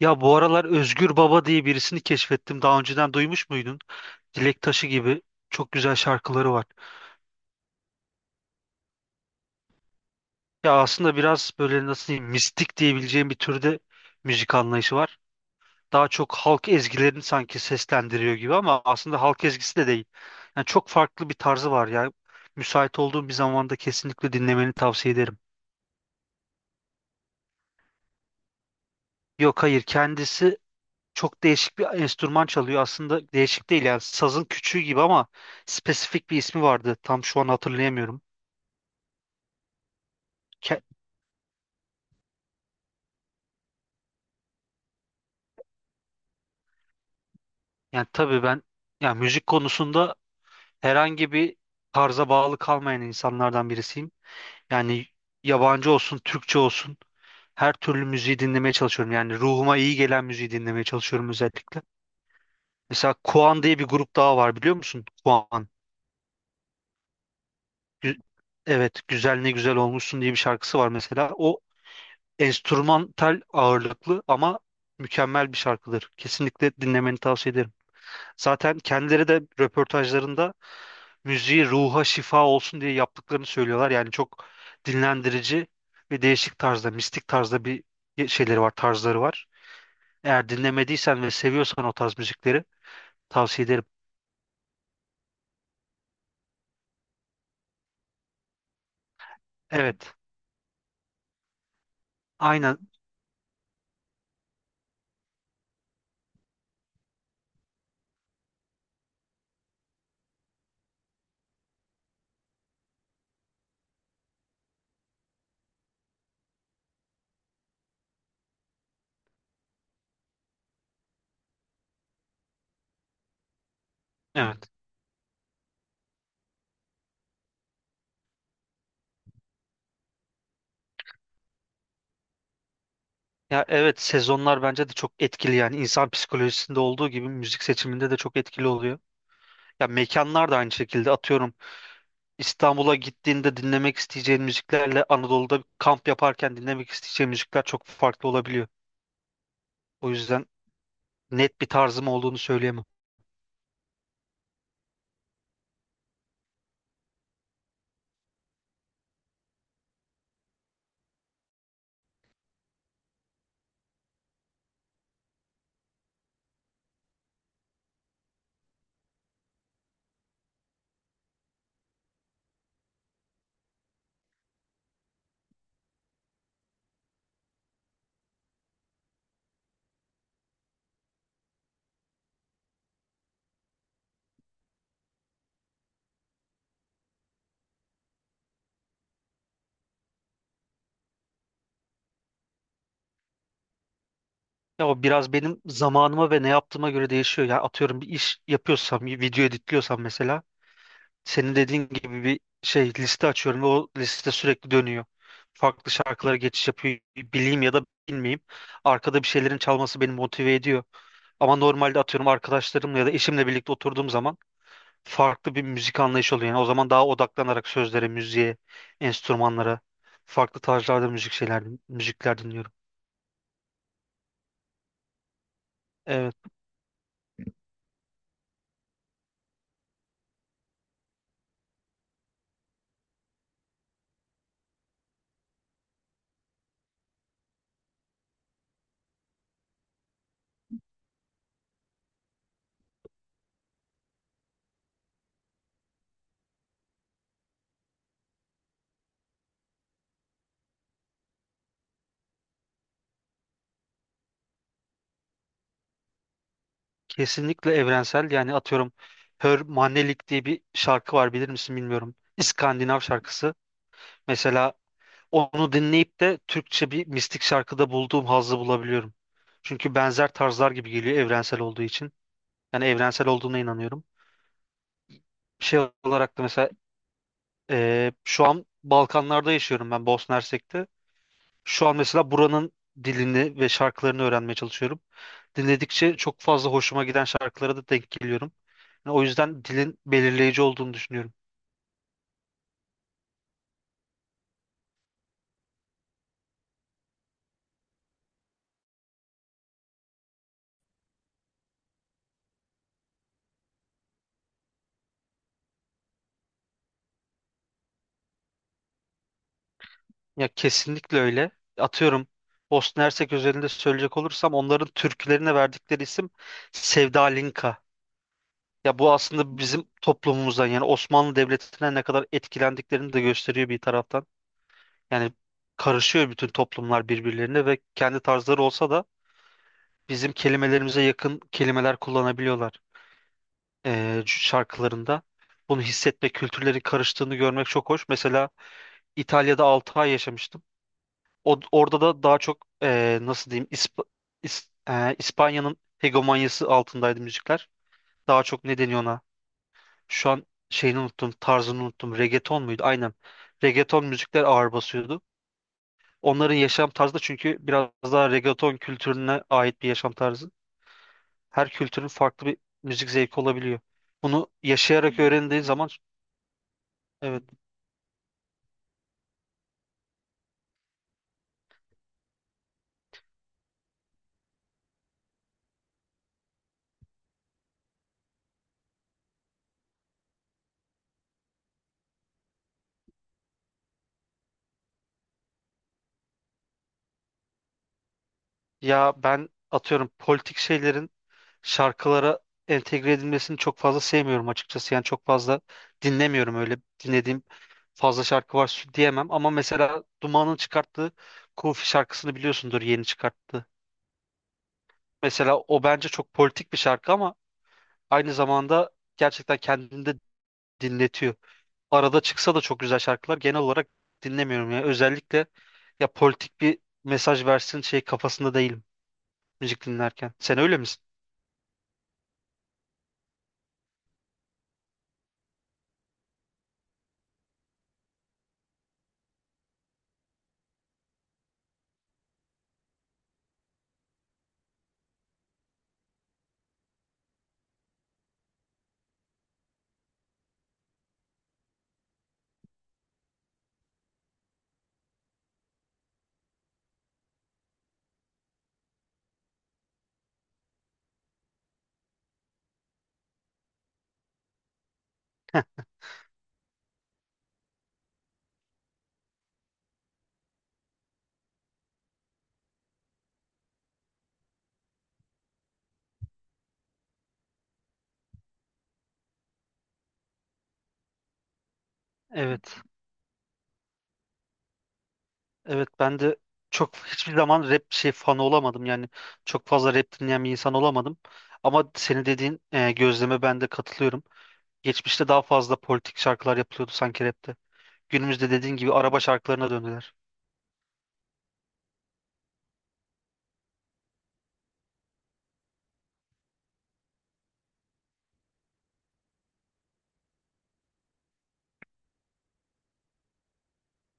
Ya bu aralar Özgür Baba diye birisini keşfettim. Daha önceden duymuş muydun? Dilek Taşı gibi çok güzel şarkıları var. Ya aslında biraz böyle nasıl diyeyim mistik diyebileceğim bir türde müzik anlayışı var. Daha çok halk ezgilerini sanki seslendiriyor gibi ama aslında halk ezgisi de değil. Yani çok farklı bir tarzı var ya. Müsait olduğun bir zamanda kesinlikle dinlemeni tavsiye ederim. Yok, hayır, kendisi çok değişik bir enstrüman çalıyor. Aslında değişik değil yani sazın küçüğü gibi ama spesifik bir ismi vardı. Tam şu an hatırlayamıyorum. Ke- Yani tabii ben yani müzik konusunda herhangi bir tarza bağlı kalmayan insanlardan birisiyim. Yani yabancı olsun, Türkçe olsun her türlü müziği dinlemeye çalışıyorum. Yani ruhuma iyi gelen müziği dinlemeye çalışıyorum özellikle. Mesela Kuan diye bir grup daha var biliyor musun? Kuan. Gü- evet, Güzel Ne Güzel Olmuşsun diye bir şarkısı var mesela. O enstrümantal ağırlıklı ama mükemmel bir şarkıdır. Kesinlikle dinlemeni tavsiye ederim. Zaten kendileri de röportajlarında müziği ruha şifa olsun diye yaptıklarını söylüyorlar. Yani çok dinlendirici ve değişik tarzda, mistik tarzda bir şeyleri var, tarzları var. Eğer dinlemediysen ve seviyorsan o tarz müzikleri tavsiye ederim. Evet, aynen. Evet. Ya evet, sezonlar bence de çok etkili yani insan psikolojisinde olduğu gibi müzik seçiminde de çok etkili oluyor. Ya mekanlar da aynı şekilde, atıyorum İstanbul'a gittiğinde dinlemek isteyeceğin müziklerle Anadolu'da kamp yaparken dinlemek isteyeceğin müzikler çok farklı olabiliyor. O yüzden net bir tarzım olduğunu söyleyemem. Ya o biraz benim zamanıma ve ne yaptığıma göre değişiyor. Yani atıyorum bir iş yapıyorsam, bir video editliyorsam mesela senin dediğin gibi bir şey liste açıyorum ve o liste sürekli dönüyor. Farklı şarkılara geçiş yapıyor. Bileyim ya da bilmeyeyim. Arkada bir şeylerin çalması beni motive ediyor. Ama normalde atıyorum arkadaşlarımla ya da eşimle birlikte oturduğum zaman farklı bir müzik anlayışı oluyor. Yani o zaman daha odaklanarak sözlere, müziğe, enstrümanlara, farklı tarzlarda müzik şeyler, müzikler dinliyorum. Evet. Kesinlikle evrensel, yani atıyorum Hörmannelik diye bir şarkı var bilir misin bilmiyorum. İskandinav şarkısı. Mesela onu dinleyip de Türkçe bir mistik şarkıda bulduğum hazzı bulabiliyorum. Çünkü benzer tarzlar gibi geliyor evrensel olduğu için. Yani evrensel olduğuna inanıyorum. Şey olarak da mesela şu an Balkanlarda yaşıyorum ben, Bosna Hersek'te. Şu an mesela buranın dilini ve şarkılarını öğrenmeye çalışıyorum. Dinledikçe çok fazla hoşuma giden şarkılara da denk geliyorum. Yani o yüzden dilin belirleyici olduğunu düşünüyorum. Ya kesinlikle öyle. Atıyorum Bosna Hersek özelinde söyleyecek olursam onların türkülerine verdikleri isim Sevda Linka. Ya bu aslında bizim toplumumuzdan yani Osmanlı Devleti'ne ne kadar etkilendiklerini de gösteriyor bir taraftan. Yani karışıyor bütün toplumlar birbirlerine ve kendi tarzları olsa da bizim kelimelerimize yakın kelimeler kullanabiliyorlar şarkılarında. Bunu hissetme, kültürlerin karıştığını görmek çok hoş. Mesela İtalya'da 6 ay yaşamıştım. Orada da daha çok nasıl diyeyim İspanya'nın hegemonyası altındaydı müzikler. Daha çok ne deniyor ona? Şu an şeyini unuttum, tarzını unuttum. Reggaeton muydu? Aynen. Reggaeton müzikler ağır basıyordu. Onların yaşam tarzı da çünkü biraz daha reggaeton kültürüne ait bir yaşam tarzı. Her kültürün farklı bir müzik zevki olabiliyor. Bunu yaşayarak öğrendiğin zaman evet, ya ben atıyorum politik şeylerin şarkılara entegre edilmesini çok fazla sevmiyorum açıkçası. Yani çok fazla dinlemiyorum, öyle dinlediğim fazla şarkı var şu diyemem ama mesela Duman'ın çıkarttığı Kufi şarkısını biliyorsundur, yeni çıkarttı. Mesela o bence çok politik bir şarkı ama aynı zamanda gerçekten kendini de dinletiyor. Arada çıksa da çok güzel şarkılar, genel olarak dinlemiyorum ya. Özellikle ya politik bir mesaj versin şey kafasında değilim müzik dinlerken. Sen öyle misin? Evet. Evet ben de çok hiçbir zaman rap şey fanı olamadım. Yani çok fazla rap dinleyen bir insan olamadım. Ama senin dediğin gözleme ben de katılıyorum. Geçmişte daha fazla politik şarkılar yapılıyordu sanki rapte. Günümüzde dediğin gibi araba şarkılarına döndüler.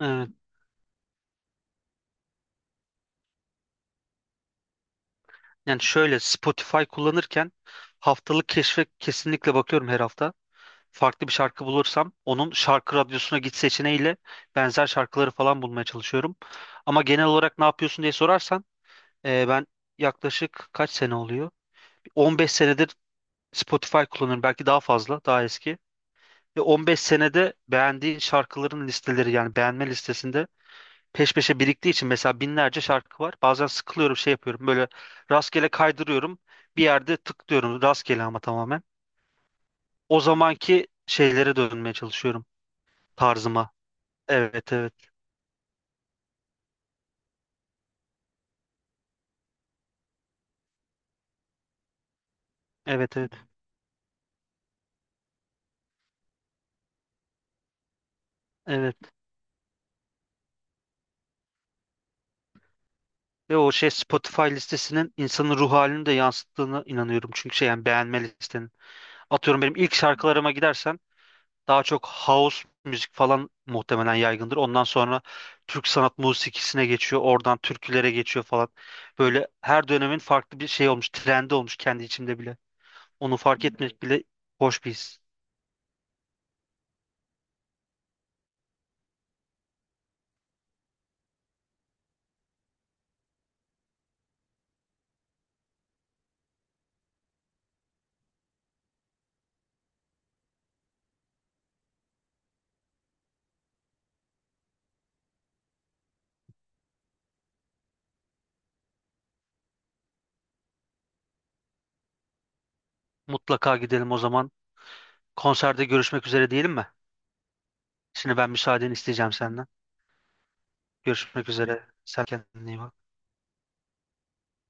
Evet. Yani şöyle, Spotify kullanırken haftalık keşfe kesinlikle bakıyorum her hafta. Farklı bir şarkı bulursam onun şarkı radyosuna git seçeneğiyle benzer şarkıları falan bulmaya çalışıyorum. Ama genel olarak ne yapıyorsun diye sorarsan ben yaklaşık kaç sene oluyor? 15 senedir Spotify kullanıyorum. Belki daha fazla, daha eski. Ve 15 senede beğendiğin şarkıların listeleri yani beğenme listesinde peş peşe biriktiği için mesela binlerce şarkı var. Bazen sıkılıyorum şey yapıyorum böyle, rastgele kaydırıyorum, bir yerde tıklıyorum rastgele ama tamamen. O zamanki şeylere dönmeye çalışıyorum, tarzıma. Evet, evet. Evet, evet. Evet. Ve o şey, Spotify listesinin insanın ruh halini de yansıttığını inanıyorum. Çünkü şey yani beğenme listenin. Atıyorum benim ilk şarkılarıma gidersen daha çok house müzik falan muhtemelen yaygındır. Ondan sonra Türk sanat musikisine geçiyor. Oradan türkülere geçiyor falan. Böyle her dönemin farklı bir şey olmuş. Trendi olmuş kendi içimde bile. Onu fark etmek bile hoş bir his. Mutlaka gidelim o zaman. Konserde görüşmek üzere diyelim mi? Şimdi ben müsaadeni isteyeceğim senden. Görüşmek üzere. Sen kendine iyi bak.